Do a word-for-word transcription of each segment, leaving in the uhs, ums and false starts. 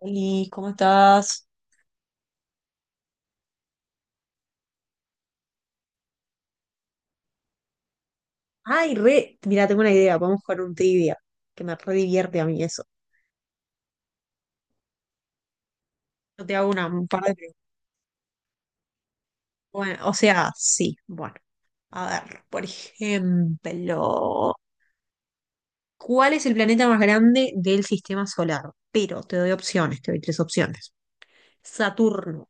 Oli, ¿cómo estás? Ay, re, mira, tengo una idea, podemos jugar un trivia, que me re divierte a mí eso. Yo te hago una, Un par de preguntas. Bueno, o sea, sí, bueno, a ver, por ejemplo, ¿cuál es el planeta más grande del sistema solar? Pero te doy opciones, te doy tres opciones. Saturno,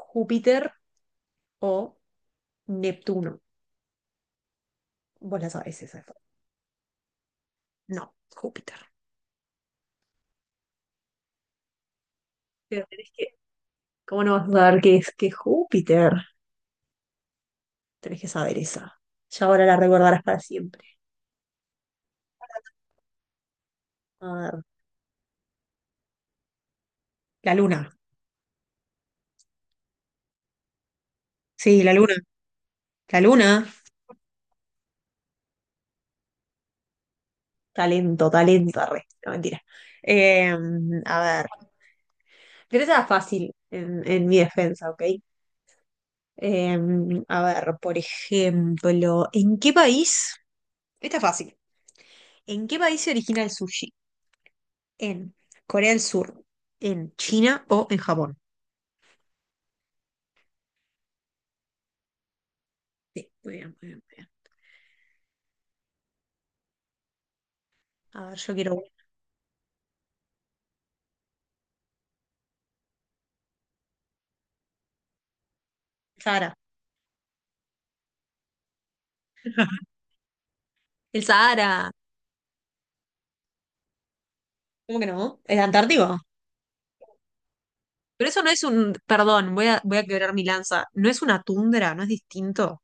Júpiter o Neptuno. Vos la sabés esa. No, Júpiter. Pero tenés que, ¿cómo no vas a saber qué es que es Júpiter? Tenés que saber esa. Ya ahora la recordarás para siempre. A ver, la luna. Sí, la luna. La luna. Talento, talento. Arre. No, mentira. Eh, a ver. Pero esa es fácil en, en mi defensa, ¿ok? Eh, a ver, por ejemplo, ¿en qué país? Esta es fácil. ¿En qué país se origina el sushi? ¿En Corea del Sur, en China o en Japón? Sí, muy bien, muy bien, muy bien. A ver, yo quiero. Sahara. El Sahara. ¿Cómo que no? ¿Es Antártico? Pero eso no es un, perdón, voy a, voy a quebrar mi lanza. No es una tundra, no es distinto.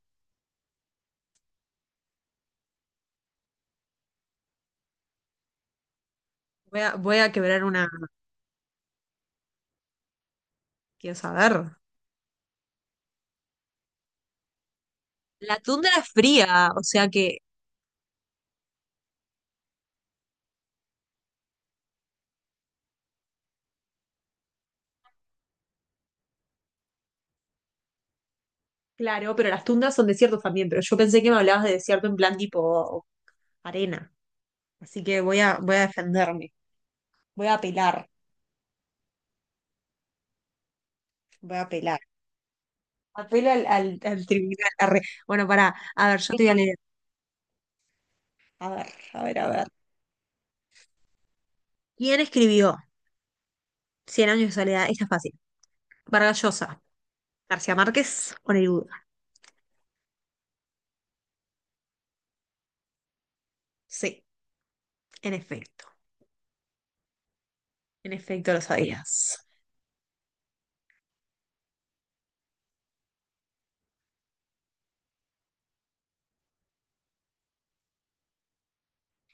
Voy a, voy a quebrar una, quiero saber. La tundra es fría, o sea que, claro, pero las tundras son desiertos también, pero yo pensé que me hablabas de desierto en plan tipo arena. Así que voy a, voy a defenderme, voy a apelar, voy a apelar. Apelo al, al, al tribunal. Arre. Bueno, pará, a ver, yo te voy a leer. A ver, a ver, a ver. ¿Quién escribió Cien años de soledad? Esta es fácil. Vargas Llosa. García Márquez, Oreruda. Sí, en efecto. En efecto, lo sabías.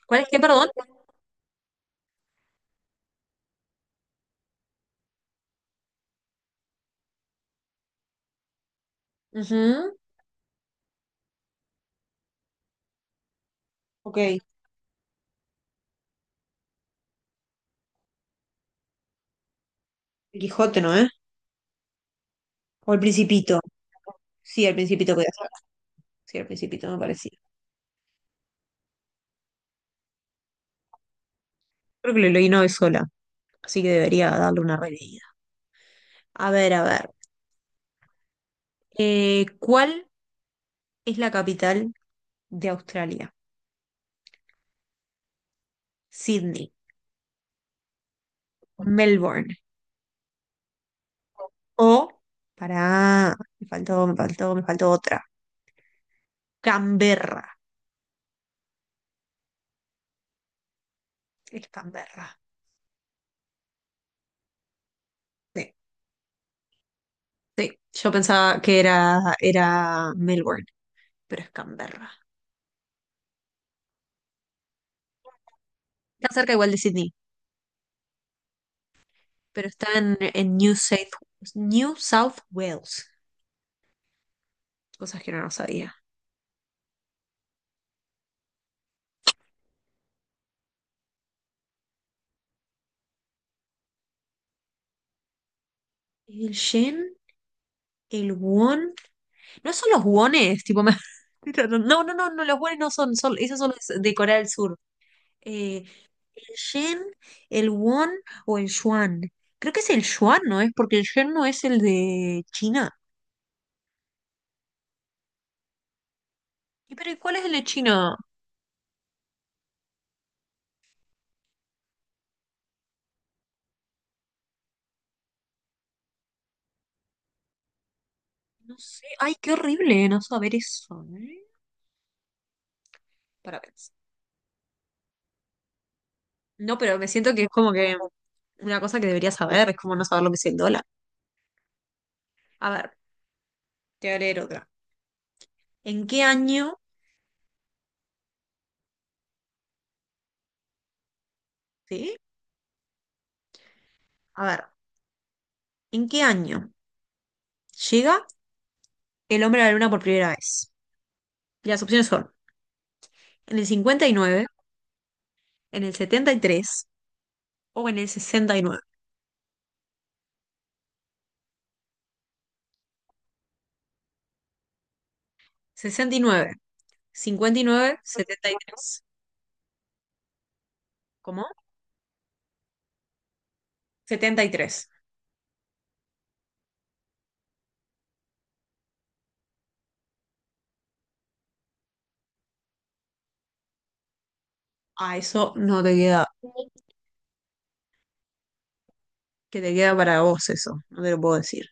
¿Cuál es qué, perdón? Ujú. Ok. El Quijote, ¿no, eh? O el Principito. Sí, el Principito podía ser. Sí, el Principito me parecía. Creo que lo leí una vez sola, así que debería darle una releída. A ver, a ver. Eh, ¿cuál es la capital de Australia? Sydney, Melbourne o... Pará, me faltó, me faltó, me faltó otra. Canberra. Es Canberra. Sí. Sí, yo pensaba que era, era Melbourne, pero es Canberra. Está cerca igual de Sydney, pero está en, en New South, New South Wales. Cosas que no lo sabía. El shen, el won. No son los wones, tipo. me- No, no, no, no, los wones no son, son, esos son los de Corea del Sur. Eh, el yen, el won o el yuan. Creo que es el yuan, ¿no es? Porque el yen no es el de China. ¿Y pero ¿y cuál es el de China? No sé, ay, qué horrible no saber eso, ¿eh? Para pensar. No, pero me siento que es como que una cosa que debería saber, es como no saber lo que es el dólar. A ver, te voy a leer otra. ¿En qué año, sí? A ver, ¿en qué año llega el hombre a la luna por primera vez? Y las opciones son en el cincuenta y nueve, en el setenta y tres o en el sesenta, sesenta y y y nueve nueve Cincuenta y nueve, setenta y tres. ¿Cómo? Setenta y tres. Ah, eso no te queda, que te queda para vos eso, no te lo puedo decir.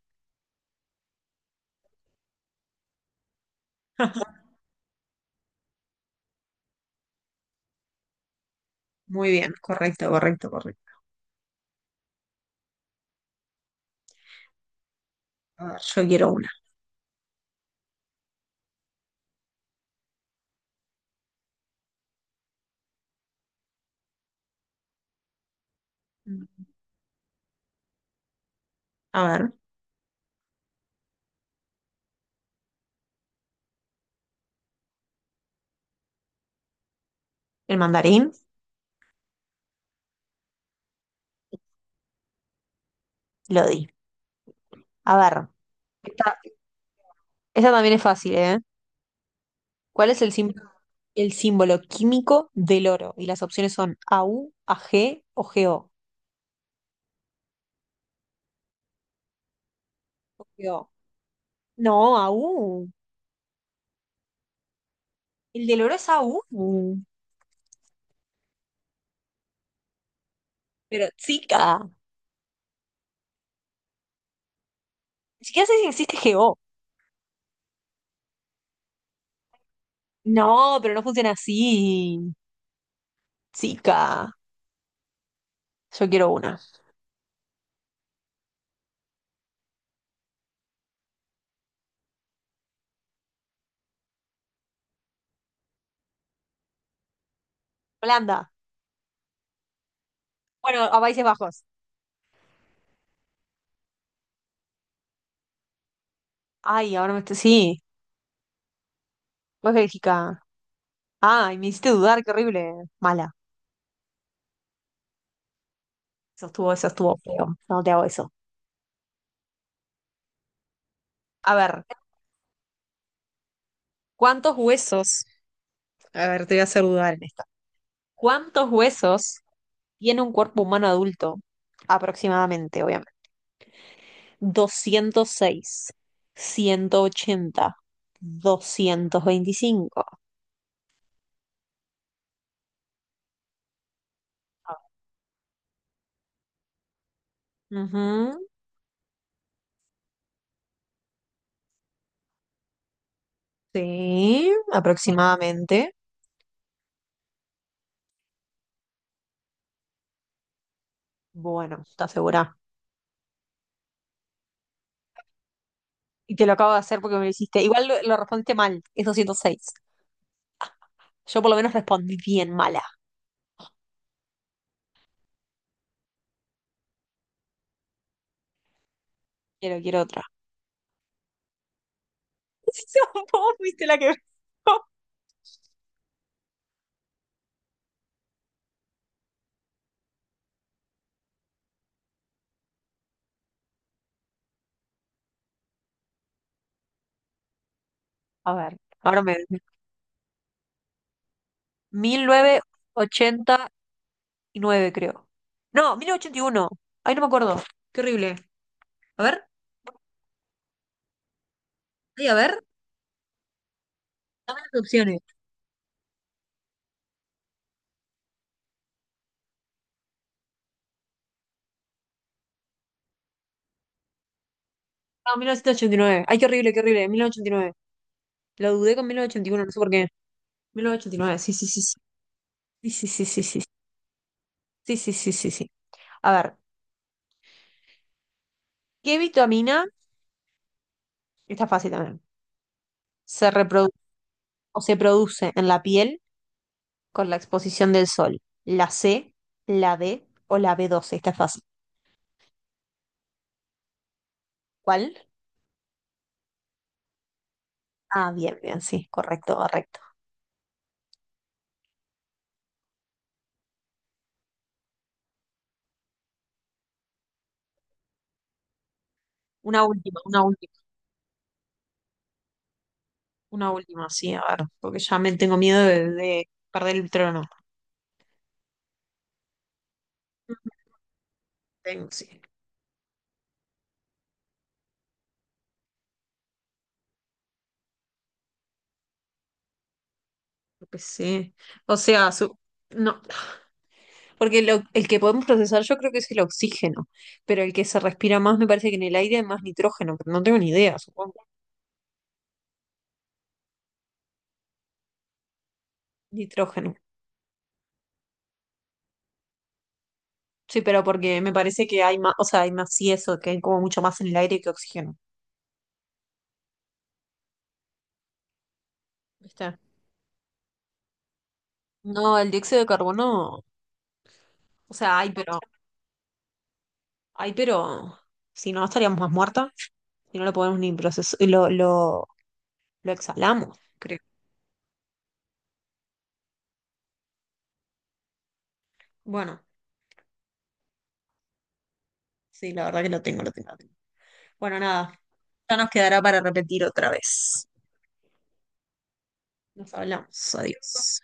Muy bien, correcto, correcto, correcto. A ver, yo quiero una. A ver, el mandarín, lo di. A ver, esta, esta también es fácil, ¿eh? ¿Cuál es el símbolo, el símbolo químico del oro? Y las opciones son AU, AG o GO. O o G O. No, AU. El del oro es A U. Pero chica, ni siquiera sé si existe G O. No, pero no funciona así. Chica, yo quiero una. Holanda. Bueno, a Países Bajos. Ay, ahora me estoy... Sí. Pues Bélgica. Ay, me hiciste dudar, qué horrible. Mala. Eso estuvo, eso estuvo feo. No te hago eso. A ver, ¿cuántos huesos? A ver, te voy a hacer dudar en esta. ¿Cuántos huesos tiene un cuerpo humano adulto? Aproximadamente, obviamente. Doscientos seis, ciento ochenta, doscientos veinticinco. Ujú, sí, aproximadamente. Bueno, ¿estás segura? Y te lo acabo de hacer porque me lo hiciste. Igual lo, lo respondiste mal, es doscientos seis. Yo por lo menos respondí bien mala. Quiero, quiero otra. Vos fuiste la que... A ver, ahora me... Mil novecientos ochenta y nueve, creo. No, mil novecientos ochenta y uno. Ay, no me acuerdo. Qué horrible. A ver, ay, a ver. Dame las opciones. No, mil novecientos ochenta y nueve. Ay, qué horrible, qué horrible. Mil novecientos ochenta y nueve. Lo dudé con mil novecientos ochenta y uno, no sé por qué. mil novecientos ochenta y nueve, sí, sí, sí. Sí, sí, sí, sí, sí. Sí, sí, sí, sí, sí. Sí. A ver, ¿qué vitamina, está fácil también, se reproduce o se produce en la piel con la exposición del sol? ¿La C, la D o la B doce? Está fácil. ¿Cuál? Ah, bien, bien, sí, correcto, correcto. Una última, una última, una última, sí, a ver, porque ya me tengo miedo de, de perder el trono. Tengo, sí, creo que sí. O sea, su- no, porque lo- el que podemos procesar yo creo que es el oxígeno, pero el que se respira más me parece que en el aire hay más nitrógeno, pero no tengo ni idea, supongo. Nitrógeno. Sí, pero porque me parece que hay más, o sea, hay más y eso, que hay como mucho más en el aire que oxígeno. ¿Viste? No, el dióxido de carbono, o sea, hay, pero, hay, pero, si no, estaríamos más muertas, si no lo podemos ni procesar, lo, lo, lo exhalamos, creo. Bueno, sí, la verdad que lo tengo, lo tengo, lo tengo. Bueno, nada, ya nos quedará para repetir otra vez. Nos hablamos, adiós.